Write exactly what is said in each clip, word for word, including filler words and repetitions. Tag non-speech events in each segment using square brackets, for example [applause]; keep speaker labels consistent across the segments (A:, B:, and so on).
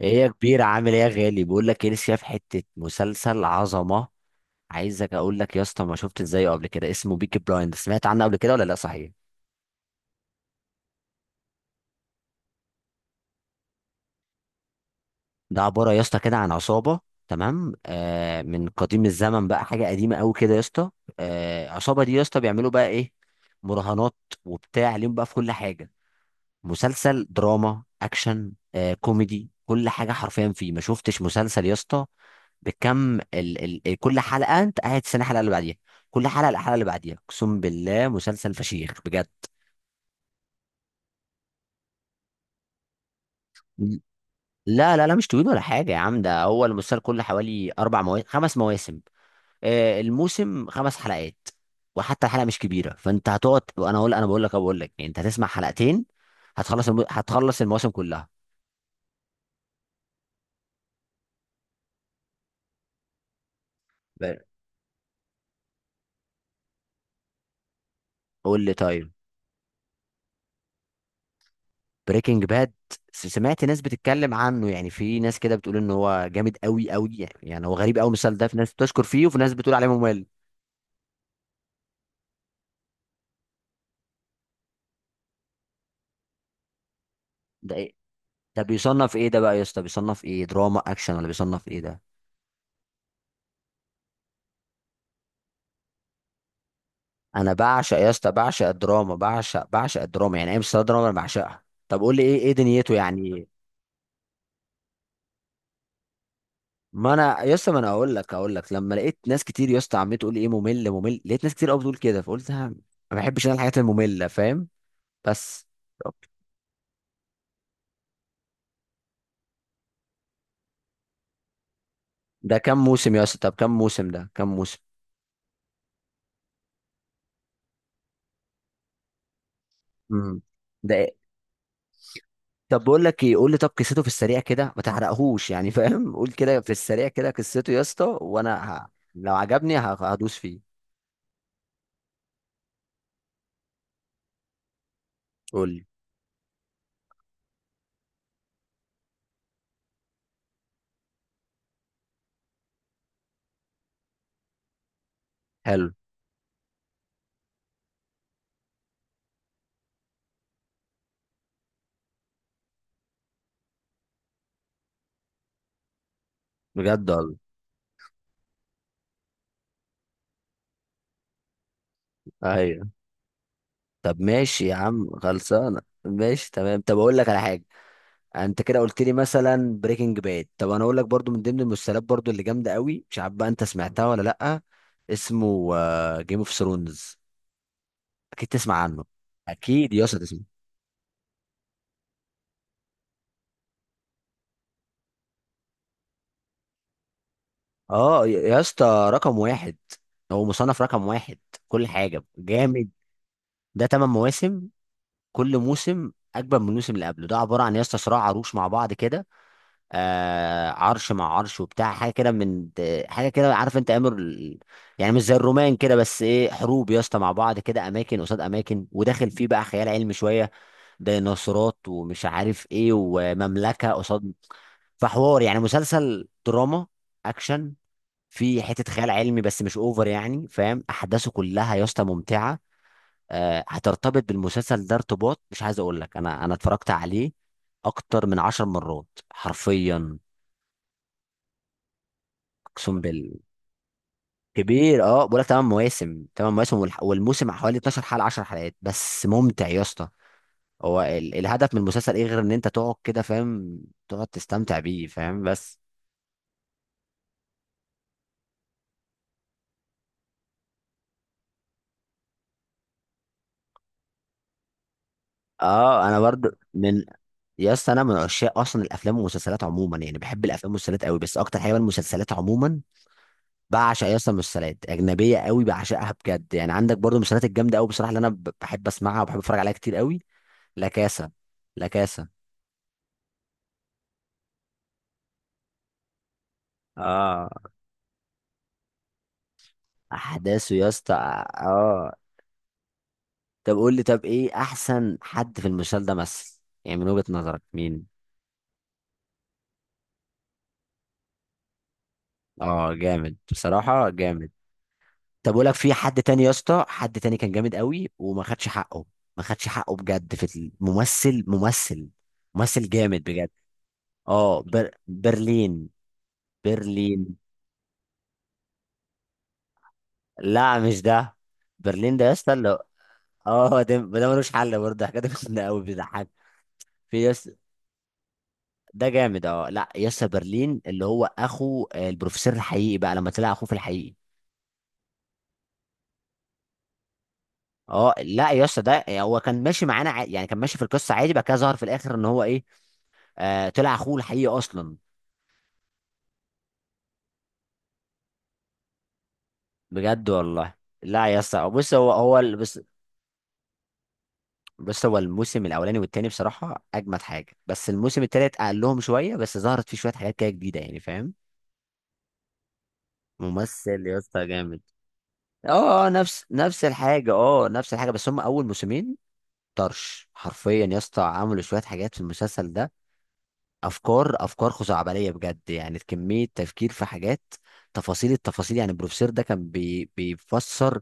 A: ايه يا كبير، عامل ايه يا غالي؟ بقول لك ايه، لسه شايف حته مسلسل عظمه. عايزك اقول لك يا اسطى، ما شفت ازاي قبل كده، اسمه بيكي بلايند، سمعت عنه قبل كده ولا لا؟ صحيح. ده عباره يا اسطى كده عن عصابه. تمام، آه، من قديم الزمن بقى، حاجه قديمه قوي كده يا اسطى. آه، العصابه دي يا اسطى بيعملوا بقى ايه؟ مراهنات، وبتاع ليهم بقى في كل حاجه. مسلسل دراما اكشن، آه، كوميدي، كل حاجه حرفيا فيه. ما شفتش مسلسل يا اسطى بكم ال ال كل حلقه انت قاعد تستنى الحلقه اللي بعديها، كل حلقه الحلقه اللي بعديها. اقسم بالله مسلسل فشيخ بجد. لا لا لا، مش طويل ولا حاجه يا عم، ده هو المسلسل كله حوالي اربع مواسم خمس مواسم، آه، الموسم خمس حلقات، وحتى الحلقه مش كبيره، فانت هتقعد، وانا اقول انا بقول لك أنا بقول لك يعني انت هتسمع حلقتين، هتخلص الم... هتخلص المواسم كلها. ب- قول لي طيب. بريكنج باد، سمعت ناس بتتكلم عنه، يعني في ناس كده بتقول ان هو جامد قوي قوي، يعني, يعني هو غريب قوي المسلسل ده، في ناس بتشكر فيه وفي ناس بتقول عليه ممل. ده ايه؟ ده بيصنف ايه ده بقى يا اسطى، بيصنف ايه، دراما اكشن ولا بيصنف ايه ده؟ انا بعشق يا اسطى، بعشق الدراما، بعشق بعشق الدراما، يعني ايه مسلسل دراما، انا بعشقها. طب قول لي ايه، ايه دنيته يعني؟ ما انا يا اسطى، ما انا اقول لك اقول لك لما لقيت ناس كتير يا اسطى عمال تقول لي ايه، ممل ممل، لقيت ناس كتير قوي بتقول كده، فقلت ها، ما بحبش انا الحاجات المملة، فاهم؟ بس. ده كام موسم يا اسطى؟ طب كام موسم، ده كام موسم؟ امم. ده إيه؟ طب بقول لك ايه، قول لي طب قصته في السريع كده، ما تحرقهوش يعني، فاهم؟ [laughs] قول كده في السريع كده قصته يا اسطى، وانا ه... لو عجبني ه... هدوس فيه. قول لي. حلو. بجد والله. ايوه. طب ماشي يا عم، خلصانه ماشي تمام. طب اقول لك على حاجه. انت كده قلت لي مثلا بريكنج باد، طب انا اقول لك برضو من ضمن المسلسلات برضو اللي جامده قوي، مش عارف بقى انت سمعتها ولا لا. اسمه جيم اوف ثرونز، اكيد تسمع عنه. اكيد يا اسطى تسمع. اه، يا يا اسطى رقم واحد، هو مصنف رقم واحد، كل حاجه جامد. ده تمن مواسم، كل موسم اجمل من الموسم اللي قبله. ده عباره عن يا اسطى صراع عروش مع بعض كده، آه، عرش مع عرش وبتاع، حاجه كده من د- حاجه كده، عارف انت امر ال- يعني مش زي الرومان كده، بس ايه، حروب يا اسطى مع بعض كده، اماكن قصاد اماكن، وداخل فيه بقى خيال علمي شويه، ديناصورات ومش عارف ايه، ومملكه قصاد. فحوار يعني مسلسل دراما اكشن، في حته خيال علمي بس مش اوفر يعني، فاهم؟ احداثه كلها يا اسطى ممتعه. آه، هترتبط بالمسلسل ده ارتباط، مش عايز اقول لك، انا انا اتفرجت عليه اكتر من عشر مرات حرفيا. اقسم بال كبير. اه بقول لك تمانية مواسم، تمانية مواسم، والح- والموسم حوالي اتناشر حلقه، عشر حلقات، بس ممتع يا اسطى. هو ال- الهدف من المسلسل ايه، غير ان انت تقعد كده، فاهم؟ تقعد تستمتع بيه، فاهم؟ بس. اه انا برضه من. يا اسطى انا من عشاق اصلا الافلام والمسلسلات عموما، يعني بحب الافلام والمسلسلات قوي، بس اكتر حاجه بقى المسلسلات عموما. بعشق يا اسطى المسلسلات اجنبيه قوي، بعشقها بجد. يعني عندك برضو المسلسلات الجامده قوي بصراحه، اللي انا ب- بحب اسمعها وبحب اتفرج عليها كتير قوي. لا كاسا. لا كاسا. اه، احداثه يا اسطى، اه. طب قول لي طب ايه احسن حد في المسلسل ده مثل، يعني من وجهه نظرك مين؟ اه جامد بصراحه، جامد. طب اقول لك في حد تاني يا اسطى، حد تاني كان جامد قوي وما خدش حقه، ما خدش حقه بجد في الممثل، ممثل ممثل جامد بجد. اه، بر... برلين. برلين. لا مش ده. برلين ده يا اسطى اللي. اه. ده ده ملوش حل برضه، حاجه، ده كنا قوي بيضحك [laughs] في يس. ده جامد. اه، لا، يس برلين اللي هو اخو، آه، البروفيسور الحقيقي بقى لما طلع اخوه في الحقيقي. اه، لا يا اسطى ده هو كان ماشي معانا، ع- يعني كان ماشي في القصه عادي بقى كده، ظهر في الاخر ان هو ايه، آه، طلع اخوه الحقيقي اصلا. بجد والله. لا يا اسطى، بص، هو هو ال- بص، بص هو الموسم الاولاني والتاني بصراحه اجمد حاجه، بس الموسم التالت اقلهم شويه، بس ظهرت فيه شويه حاجات كده جديده، يعني فاهم؟ ممثل يا اسطى جامد. اه، اه، نفس نفس الحاجه، اه، نفس الحاجه، بس هم اول موسمين طرش حرفيا يا اسطى، عملوا شويه حاجات في المسلسل ده، افكار افكار خزعبليه بجد، يعني كميه تفكير في حاجات، تفاصيل التفاصيل يعني البروفيسور ده كان بي بيفسر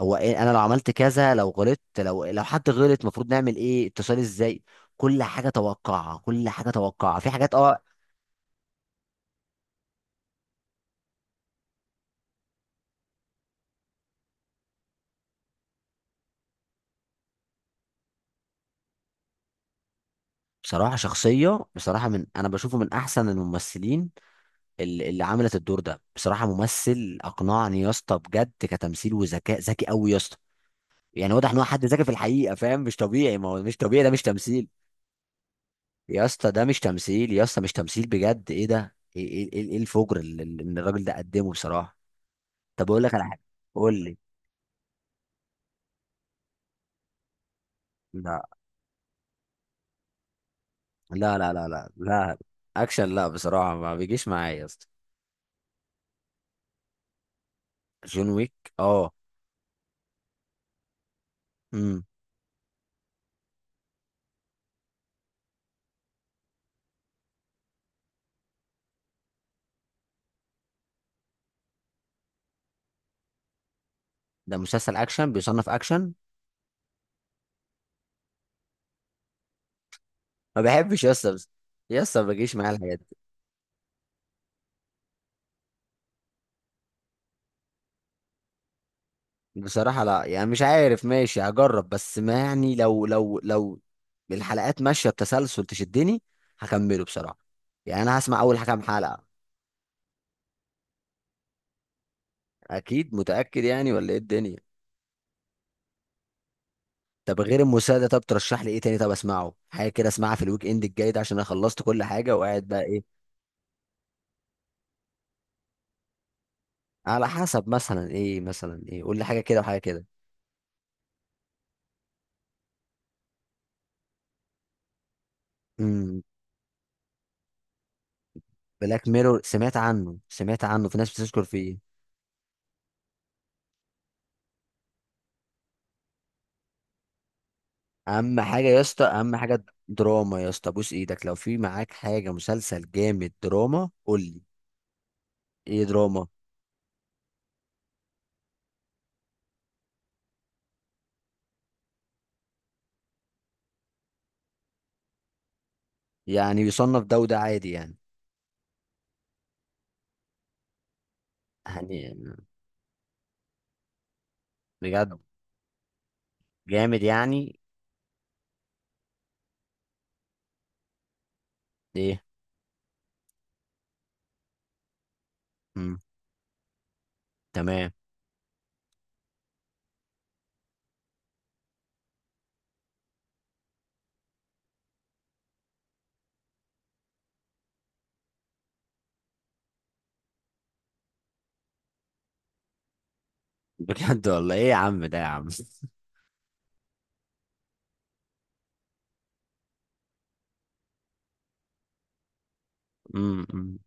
A: هو إيه، انا لو عملت كذا، لو غلطت، لو لو حد غلط المفروض نعمل ايه، اتصال ازاي، كل حاجه توقعها، كل حاجه توقعها، في حاجات. اه، بصراحه شخصيه، بصراحه، من انا بشوفه من احسن الممثلين، اللي, اللي عملت الدور ده، بصراحه ممثل اقنعني يا اسطى بجد، كتمثيل وذكاء، ذكي قوي يا اسطى، يعني واضح ان هو حد ذكي في الحقيقه، فاهم؟ مش طبيعي، ما هو مش طبيعي، ده مش تمثيل يا اسطى، ده مش تمثيل يا اسطى، مش تمثيل بجد. ايه ده، ايه ايه ايه، إيه الفجر اللي اللي- إن الراجل ده قدمه بصراحه. طب اقول لك على حاجه. قول لي. لا لا لا لا لا لا، اكشن لا بصراحه ما بيجيش معايا يا اسطى. جون ويك، اه. امم. ده مسلسل اكشن، بيصنف اكشن. ما بحبش يا اسطى، بس- يا اسطى ما بيجيش معايا الحاجات دي. بصراحه لا يعني مش عارف، ماشي هجرب، بس ما يعني، لو لو لو الحلقات ماشيه بتسلسل تشدني، هكمله بصراحه، يعني انا هسمع اول كام حلقه. اكيد، متاكد يعني ولا ايه الدنيا؟ طب غير الموسيقى ده، طب ترشح لي ايه تاني، طب اسمعه حاجه كده، اسمعها في الويك اند الجاي ده، عشان انا خلصت كل حاجه وقاعد بقى ايه. على حسب، مثلا ايه، مثلا ايه، قول لي حاجه كده وحاجه كده. امم. بلاك ميرور، سمعت عنه، سمعت عنه، في ناس بتشكر فيه. اهم حاجه يا اسطى، اهم حاجه دراما يا اسطى، بوس ايدك لو في معاك حاجه مسلسل جامد دراما، قول لي. ايه دراما؟ يعني يصنف ده وده عادي يعني؟ يعني بجد جامد يعني؟ ايه؟ امم. تمام. بجد والله. ايه يا عم ده يا عم. أمم، أمم.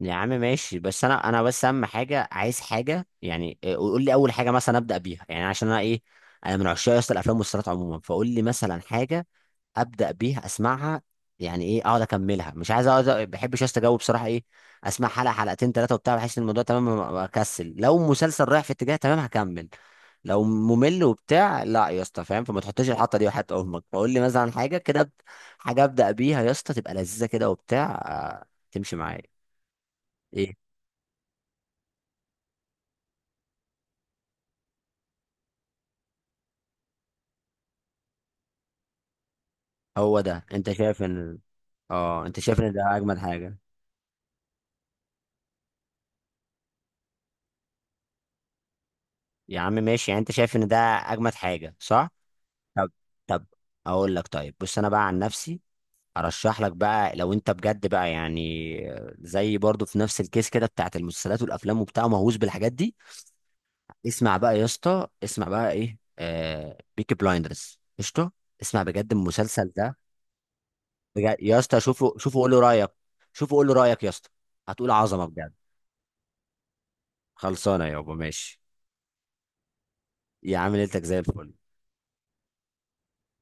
A: يا عم ماشي، بس انا انا بس اهم حاجه عايز حاجه يعني، إيه، قول لي اول حاجه مثلا ابدا بيها، يعني عشان انا ايه، انا من عشاق اصلا الافلام والمسلسلات عموما، فقول لي مثلا حاجه ابدا بيها، اسمعها. يعني ايه اقعد اكملها، مش عايز اقعد، ما بحبش استجاوب بصراحه، ايه، اسمع حلقه حلقتين ثلاثه وبتاع، بحس ان الموضوع تمام، ما- اكسل، لو مسلسل رايح في اتجاه تمام هكمل، لو ممل وبتاع لا يا اسطى، فاهم؟ فما تحطش الحطه دي وحياه امك، فقول لي مثلا حاجه كده، أب- حاجه ابدا بيها يا اسطى، تبقى لذيذه كده وبتاع، آه، تمشي معايا. ايه، هو ده انت شايف ان. اه، انت شايف ان ده اجمد حاجه؟ يا عم ماشي، يعني انت شايف ان ده اجمد حاجه صح؟ طب. طب اقول لك طيب، بص انا بقى عن نفسي ارشح لك بقى لو انت بجد بقى، يعني زي برضو في نفس الكيس كده بتاعت المسلسلات والافلام وبتاع، مهووس بالحاجات دي. اسمع بقى يا اسطى، اسمع بقى ايه، آه، بيكي بلايندرز قشطه. اسمع بجد المسلسل ده. بجد يا اسطى، شوفه، شوفه قول له رايك، شوفه قول له رايك يا اسطى، هتقول عظمه بجد. خلصانه يابا ماشي. يا عم ليلتك زي الفل.